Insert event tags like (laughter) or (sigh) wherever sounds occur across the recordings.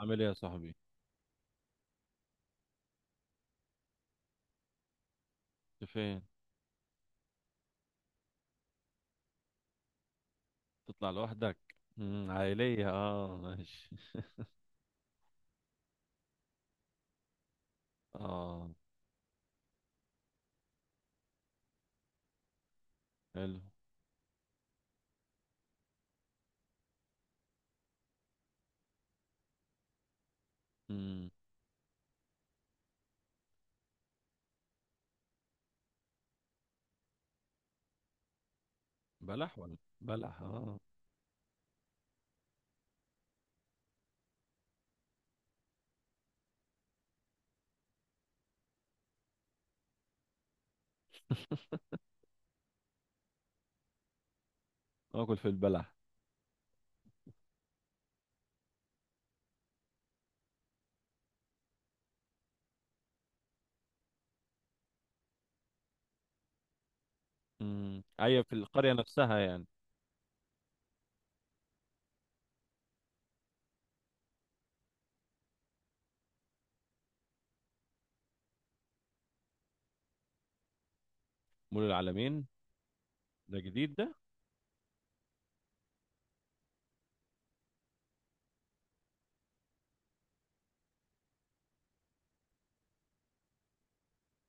عامل ايه يا صاحبي؟ انت فين؟ تطلع لوحدك؟ عائلية، اه، ماشي. اه، حلو. امم. بلح ولا بلح، اه. اكل في البلح؟ امم، ايوه، في القرية نفسها يعني. مول العالمين، ده جديد ده؟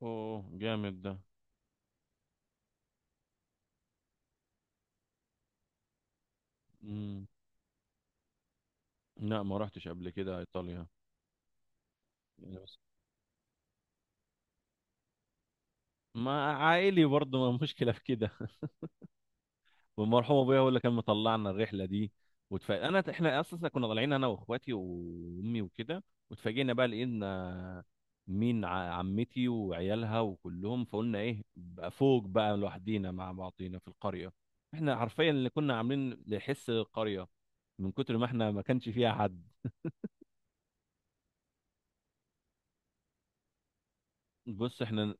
اوه، جامد ده. امم. لا، ما رحتش قبل كده ايطاليا. يعني بس. ما عائلي برضه، ما مشكلة في كده. والمرحوم ابويا هو اللي كان مطلعنا الرحله دي. وتف... انا احنا اصلا كنا طالعين انا واخواتي وامي وكده. واتفاجئنا بقى، لقينا مين، عمتي وعيالها وكلهم، فقلنا ايه بقى، فوق بقى لوحدينا مع بعضينا في القريه. احنا حرفيا اللي كنا عاملين لحس القريه، من كتر ما احنا ما كانش فيها حد. بص احنا،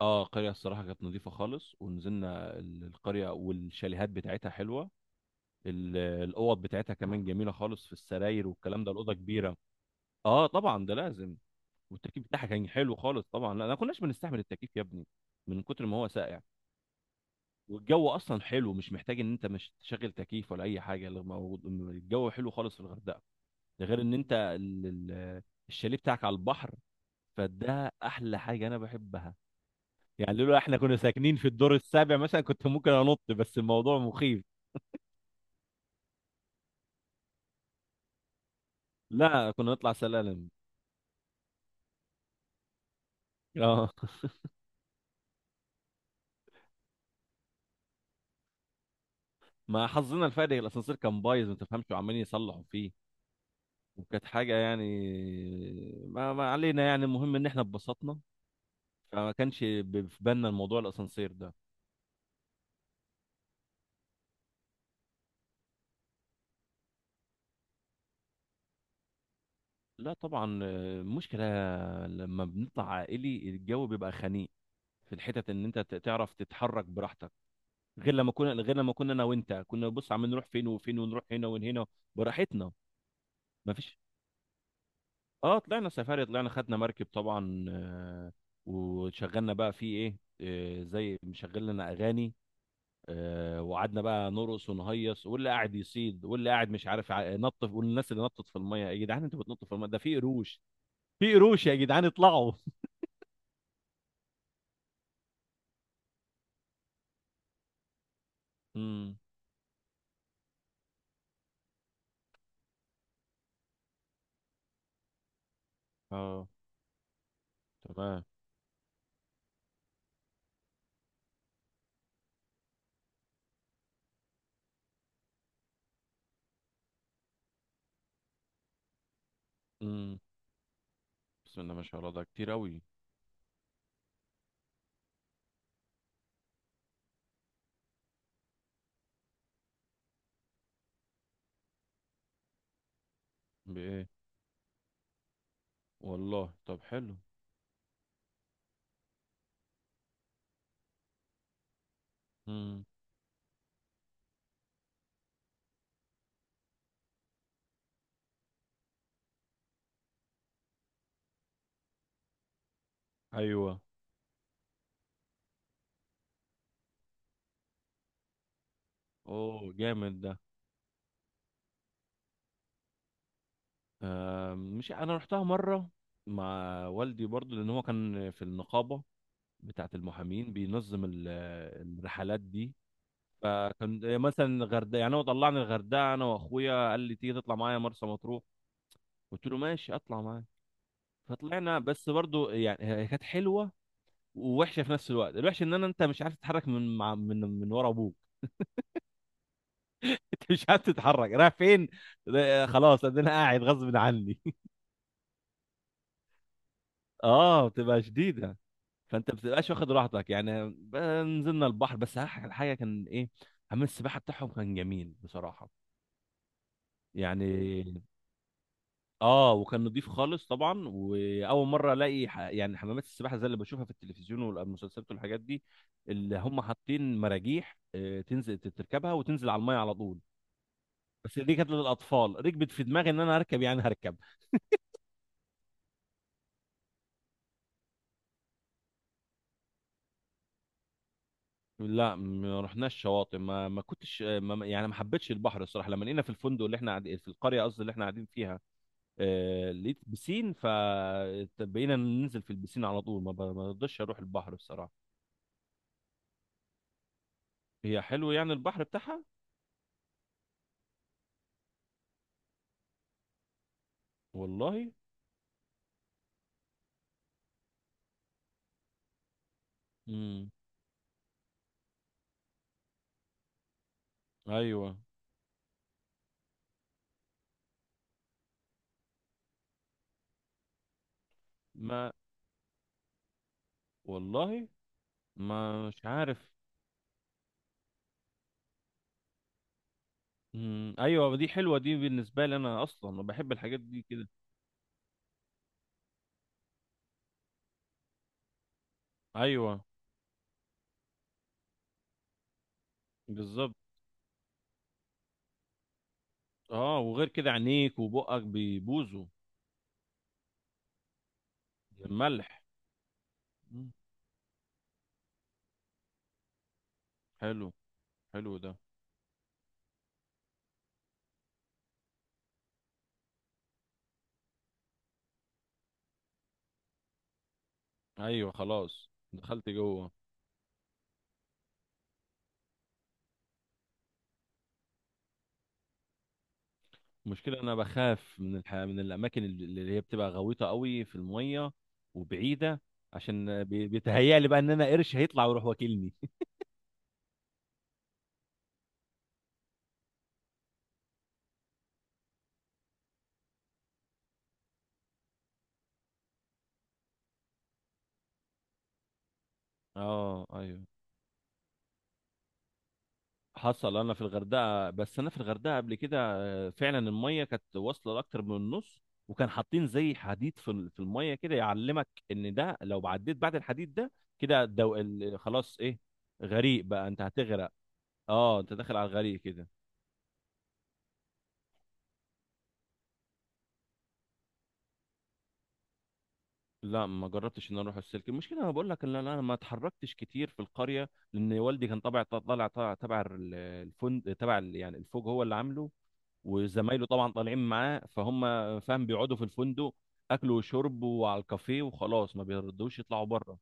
اه، القريه الصراحه كانت نظيفه خالص، ونزلنا القريه والشاليهات بتاعتها حلوه. الاوض بتاعتها كمان جميله خالص، في السراير والكلام ده الاوضه كبيره. اه، طبعا ده لازم. والتكييف بتاعها كان حلو خالص طبعا، لا، ما كناش بنستحمل التكييف يا ابني، من كتر ما هو ساقع. والجو اصلا حلو، مش محتاج ان انت مش تشغل تكييف ولا اي حاجه، اللي موجود الجو حلو خالص في الغردقه. ده غير ان انت الشاليه بتاعك على البحر، فده احلى حاجه انا بحبها. يعني لولا احنا كنا ساكنين في الدور السابع مثلا كنت ممكن انط، بس الموضوع مخيف. لا، كنا نطلع سلالم. اه. (laughs) ما حظنا الفادح، الاسانسير كان بايظ ما تفهمش، وعمالين يصلحوا فيه. وكانت حاجة يعني. ما علينا، يعني المهم ان احنا اتبسطنا. فما كانش في بالنا الموضوع الاسانسير ده. لا طبعا، المشكلة لما بنطلع عائلي الجو بيبقى خنيق، في الحتت ان انت تعرف تتحرك براحتك. غير لما كنا انا وانت، كنا بص عم نروح فين وفين، ونروح هنا وهنا براحتنا. ما فيش. اه، طلعنا سفاري، طلعنا خدنا مركب طبعا. وشغلنا بقى فيه ايه، زي مشغل لنا اغاني. وقعدنا بقى نرقص ونهيص، واللي قاعد يصيد، واللي قاعد مش عارف، نط والناس اللي نطت في الميه. يا جدعان، انتوا بتنطوا في الميه ده في قروش! في قروش يا جدعان، اطلعوا! (laughs) امم، اه، تمام. امم بسم الله ما شاء الله، ده كتير قوي. بايه؟ والله، طب حلو. امم، ايوه. اوه، جامد ده. آه، مش انا رحتها مره مع والدي برضو، لان هو كان في النقابه بتاعه المحامين، بينظم الرحلات دي. فكان مثلا الغردقه يعني، هو طلعني الغردقه انا واخويا، قال لي تيجي تطلع معايا مرسى مطروح. قلت له ماشي، اطلع معايا. فطلعنا، بس برضو يعني هي كانت حلوه ووحشه في نفس الوقت. الوحش ان انا انت مش عارف تتحرك، من مع من ورا ابوك. (laughs) انت مش عارف تتحرك رايح فين. خلاص، انا قاعد غصب عني. (laughs) اه، بتبقى شديده. فانت بتبقاش واخد راحتك يعني نزلنا البحر، بس الحاجه كان ايه، حمام السباحه بتاعهم كان جميل بصراحه. يعني، اه، وكان نضيف خالص طبعا، واول مره الاقي يعني حمامات السباحه زي اللي بشوفها في التلفزيون والمسلسلات والحاجات دي، اللي هم حاطين مراجيح، تنزل تركبها وتنزل على الميه على طول. بس دي كانت للاطفال، ركبت في دماغي ان انا هركب، يعني هركب. لا، ما رحناش شواطئ، ما كنتش ما يعني ما حبيتش البحر الصراحه، لما لقينا في الفندق اللي احنا قاعدين في القريه، قصدي اللي احنا قاعدين فيها. لقيت بسين، فبقينا ننزل في البسين على طول، ما ما رضيتش اروح البحر الصراحه. هي حلو يعني البحر بتاعها، والله. امم، ايوه. ما، والله ما مش عارف. امم، ايوه، دي حلوه، دي بالنسبه لي انا اصلا أنا بحب الحاجات دي كده. ايوه، بالظبط. اه، وغير كده عينيك وبقك بيبوظوا من الملح. مم. حلو. حلو ده. ايوه، خلاص دخلت جوه. المشكله انا بخاف من من الاماكن اللي هي بتبقى غويطه قوي في الميه وبعيده، عشان بيتهيألي بقى ان انا قرش هيطلع ويروح واكلني. (laughs) اه، ايوه. حصل انا في الغردقه، بس انا في الغردقه قبل كده، فعلا الميه كانت واصله لاكتر من النص، وكان حاطين زي حديد في في الميه كده، يعلمك ان ده لو عديت بعد الحديد ده كده خلاص، ايه، غريق بقى، انت هتغرق. اه، انت داخل على الغريق كده. لا، ما جربتش ان أنا اروح السلك. المشكله انا بقول لك ان انا ما اتحركتش كتير في القريه، لان والدي كان طبع طالع طالع تبع الفندق، تبع يعني الفوج هو اللي عامله، وزمايله طبعا طالعين معاه، فهم، فاهم، بيقعدوا في الفندق، اكل وشرب وعلى الكافيه، وخلاص ما بيردوش يطلعوا بره.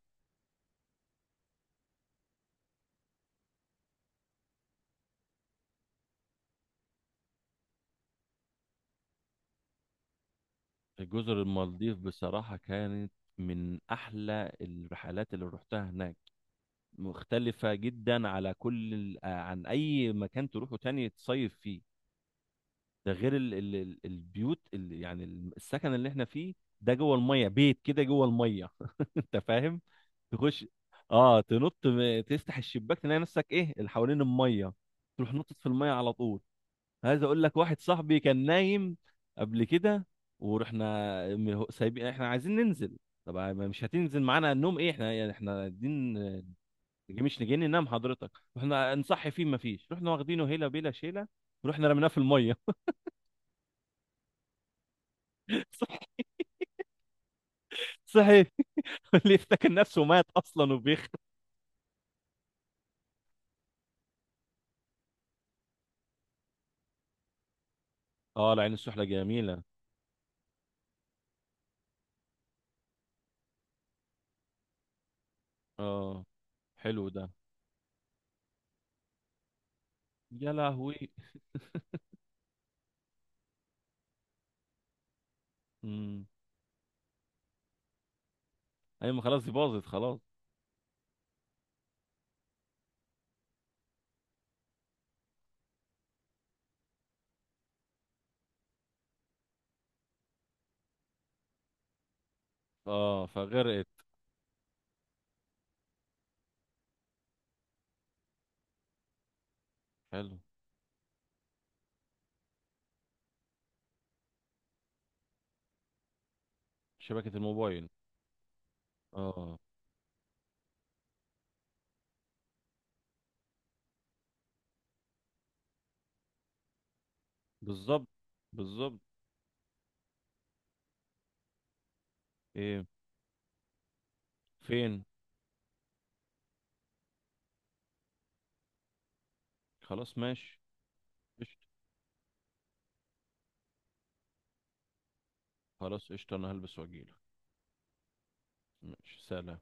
جزر المالديف بصراحة كانت من احلى الرحلات اللي رحتها هناك، مختلفة جدا على كل عن اي مكان تروحه تاني تصيف فيه. ده غير البيوت، يعني السكن اللي احنا فيه، ده جوه المية، بيت كده جوه المية. (laughs) انت فاهم؟ تخش، اه، تنط تفتح الشباك تلاقي نفسك ايه اللي حوالين الميه، تروح نطت في الميه على طول. عايز اقول لك، واحد صاحبي كان نايم قبل كده، ورحنا سايبين، احنا عايزين ننزل. طب ما مش هتنزل معانا؟ النوم ايه، احنا يعني احنا دين، مش نجي ننام حضرتك؟ رحنا نصحي فيه، ما فيش، رحنا واخدينه هيله بيلا شيله، ورحنا رميناه في الميه. (laughs) صح. صحي. (laughs) اللي افتكر نفسه مات اصلا وبيخ. اه، العين السحله جميله. اه، حلو ده. يا لهوي! امم، ايوه، ما خلاص دي باظت خلاص. اه، فغرقت. حلو. شبكة الموبايل؟ اه، بالظبط، بالظبط. ايه؟ فين؟ خلاص، ماشي. قشطة. خلاص، قشطة، انا هلبس واجيلك. ماشي، سلام.